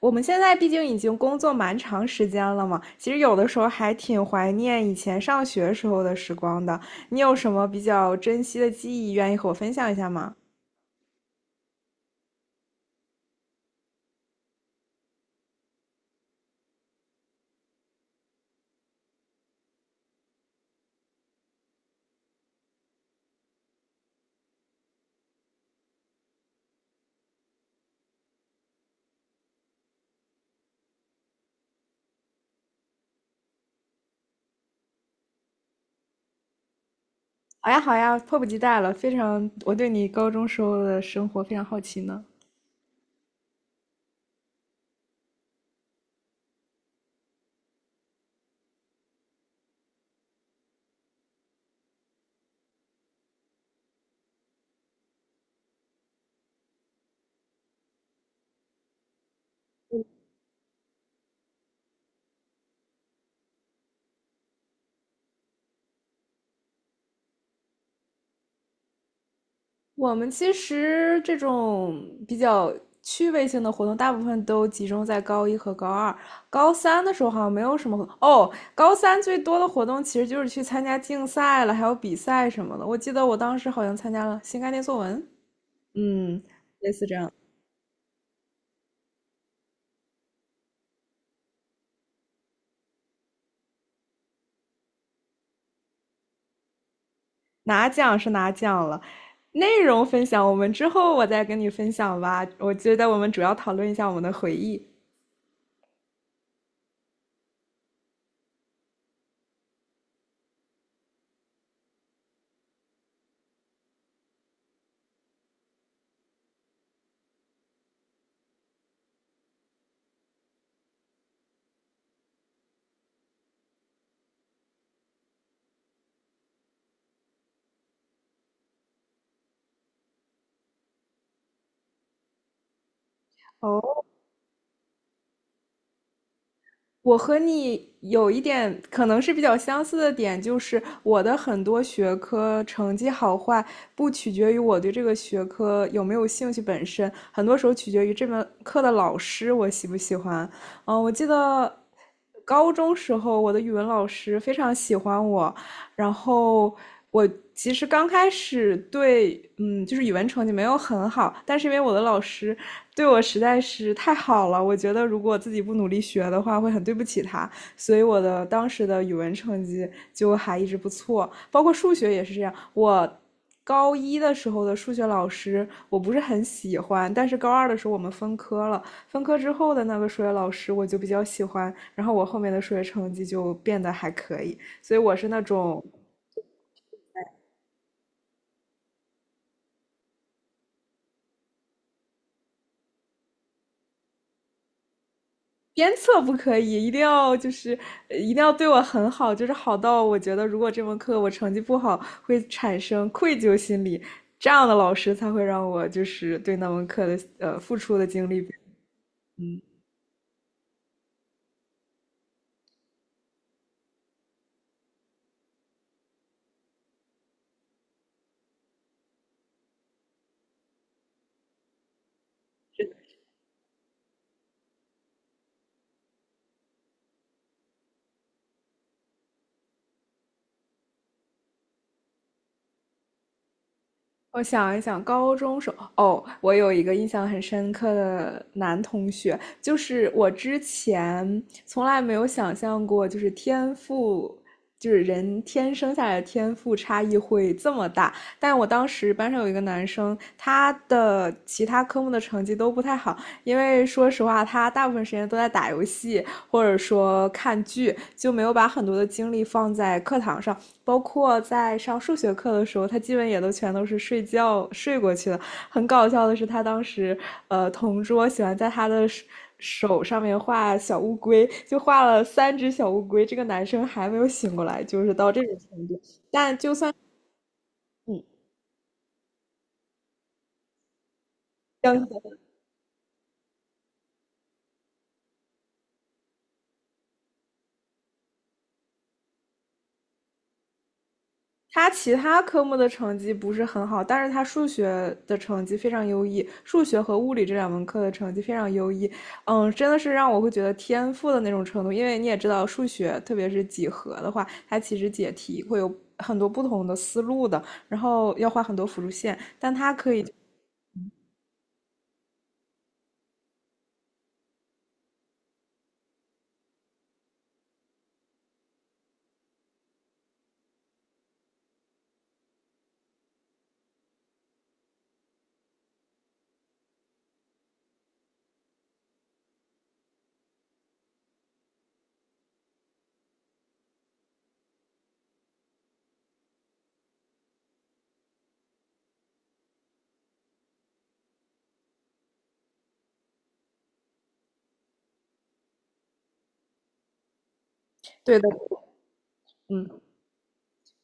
我们现在毕竟已经工作蛮长时间了嘛，其实有的时候还挺怀念以前上学时候的时光的。你有什么比较珍惜的记忆，愿意和我分享一下吗？好呀，好呀，迫不及待了，非常，我对你高中时候的生活非常好奇呢。我们其实这种比较趣味性的活动，大部分都集中在高一和高二。高三的时候好像没有什么活动哦。高三最多的活动其实就是去参加竞赛了，还有比赛什么的。我记得我当时好像参加了新概念作文，嗯，类似这样。拿奖是拿奖了，内容分享我们之后我再跟你分享吧。我觉得我们主要讨论一下我们的回忆。哦。我和你有一点可能是比较相似的点，就是我的很多学科成绩好坏不取决于我对这个学科有没有兴趣本身，很多时候取决于这门课的老师我喜不喜欢。嗯，我记得高中时候我的语文老师非常喜欢我，然后我其实刚开始对，嗯，就是语文成绩没有很好，但是因为我的老师对我实在是太好了，我觉得如果自己不努力学的话，会很对不起他，所以我的当时的语文成绩就还一直不错，包括数学也是这样，我。高一的时候的数学老师我不是很喜欢，但是高二的时候我们分科了，分科之后的那个数学老师我就比较喜欢，然后我后面的数学成绩就变得还可以，所以我是那种鞭策不可以，一定要就是一定要对我很好，就是好到我觉得如果这门课我成绩不好，会产生愧疚心理，这样的老师才会让我就是对那门课的付出的精力嗯。我想一想，高中时候，哦，我有一个印象很深刻的男同学，就是我之前从来没有想象过，就是天赋，就是人天生下来的天赋差异会这么大。但我当时班上有一个男生，他的其他科目的成绩都不太好，因为说实话，他大部分时间都在打游戏或者说看剧，就没有把很多的精力放在课堂上。包括在上数学课的时候，他基本也都全都是睡觉睡过去的。很搞笑的是，他当时同桌喜欢在他的手上面画小乌龟，就画了三只小乌龟。这个男生还没有醒过来，就是到这种程度。嗯，相信他其他科目的成绩不是很好，但是他数学的成绩非常优异，数学和物理这两门课的成绩非常优异。嗯，真的是让我会觉得天赋的那种程度，因为你也知道，数学特别是几何的话，它其实解题会有很多不同的思路的，然后要画很多辅助线，但他可以对的，嗯，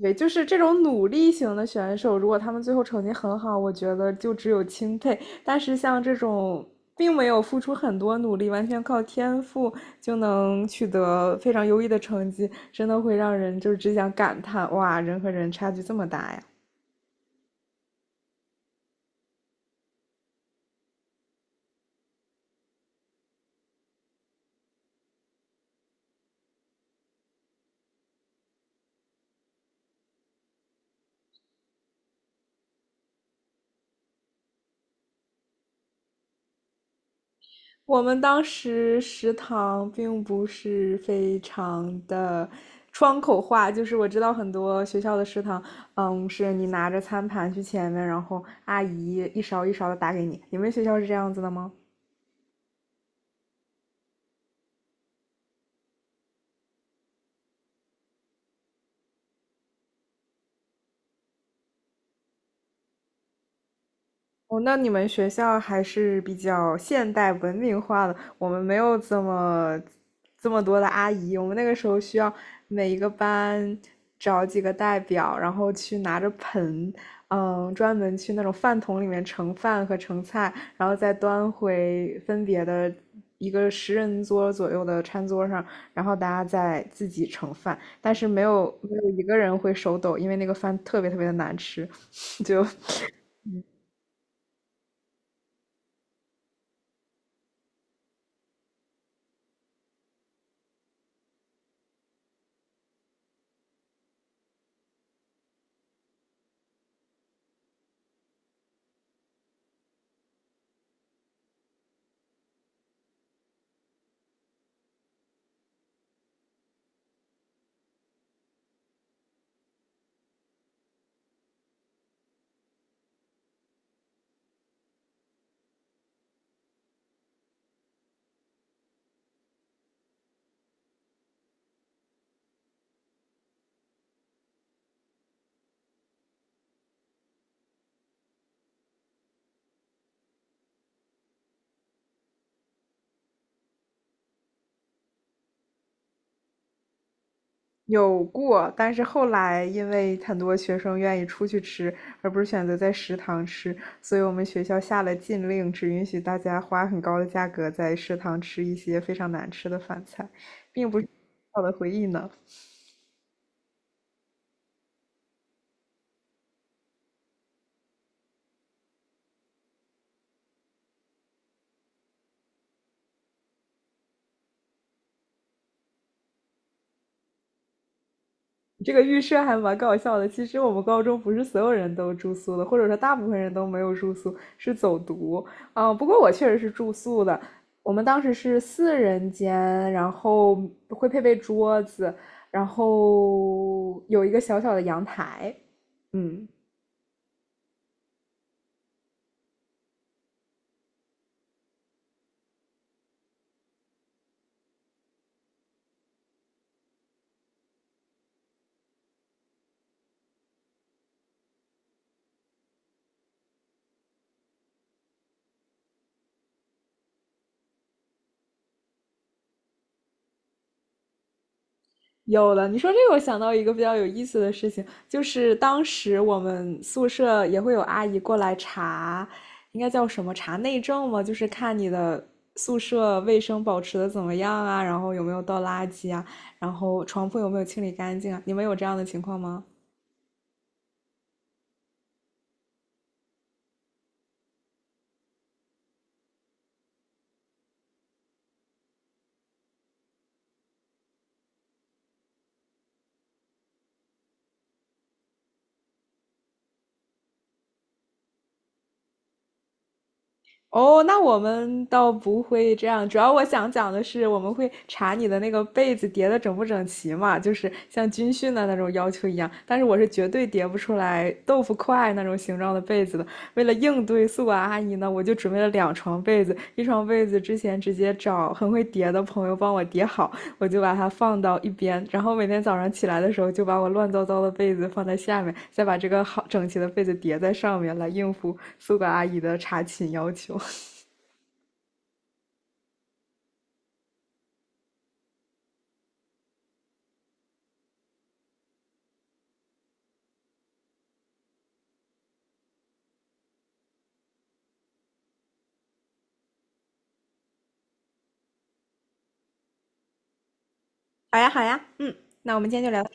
对，就是这种努力型的选手，如果他们最后成绩很好，我觉得就只有钦佩。但是像这种并没有付出很多努力，完全靠天赋就能取得非常优异的成绩，真的会让人就只想感叹：哇，人和人差距这么大呀！我们当时食堂并不是非常的窗口化，就是我知道很多学校的食堂，嗯，是你拿着餐盘去前面，然后阿姨一勺一勺的打给你。你们学校是这样子的吗？哦，那你们学校还是比较现代文明化的，我们没有这么多的阿姨，我们那个时候需要每一个班找几个代表，然后去拿着盆，嗯，专门去那种饭桶里面盛饭和盛菜，然后再端回分别的一个十人桌左右的餐桌上，然后大家再自己盛饭，但是没有一个人会手抖，因为那个饭特别特别的难吃，就有过，但是后来因为很多学生愿意出去吃，而不是选择在食堂吃，所以我们学校下了禁令，只允许大家花很高的价格在食堂吃一些非常难吃的饭菜，并不是美好的回忆呢。这个预设还蛮搞笑的。其实我们高中不是所有人都住宿的，或者说大部分人都没有住宿，是走读。啊，不过我确实是住宿的。我们当时是四人间，然后会配备桌子，然后有一个小小的阳台。嗯，有了，你说这个，我想到一个比较有意思的事情，就是当时我们宿舍也会有阿姨过来查，应该叫什么查内政嘛，就是看你的宿舍卫生保持的怎么样啊，然后有没有倒垃圾啊，然后床铺有没有清理干净啊。你们有这样的情况吗？哦，那我们倒不会这样。主要我想讲的是，我们会查你的那个被子叠的整不整齐嘛，就是像军训的那种要求一样。但是我是绝对叠不出来豆腐块那种形状的被子的。为了应对宿管阿姨呢，我就准备了两床被子，一床被子之前直接找很会叠的朋友帮我叠好，我就把它放到一边，然后每天早上起来的时候就把我乱糟糟的被子放在下面，再把这个好整齐的被子叠在上面，来应付宿管阿姨的查寝要求。好呀，好呀，嗯，那我们今天就聊。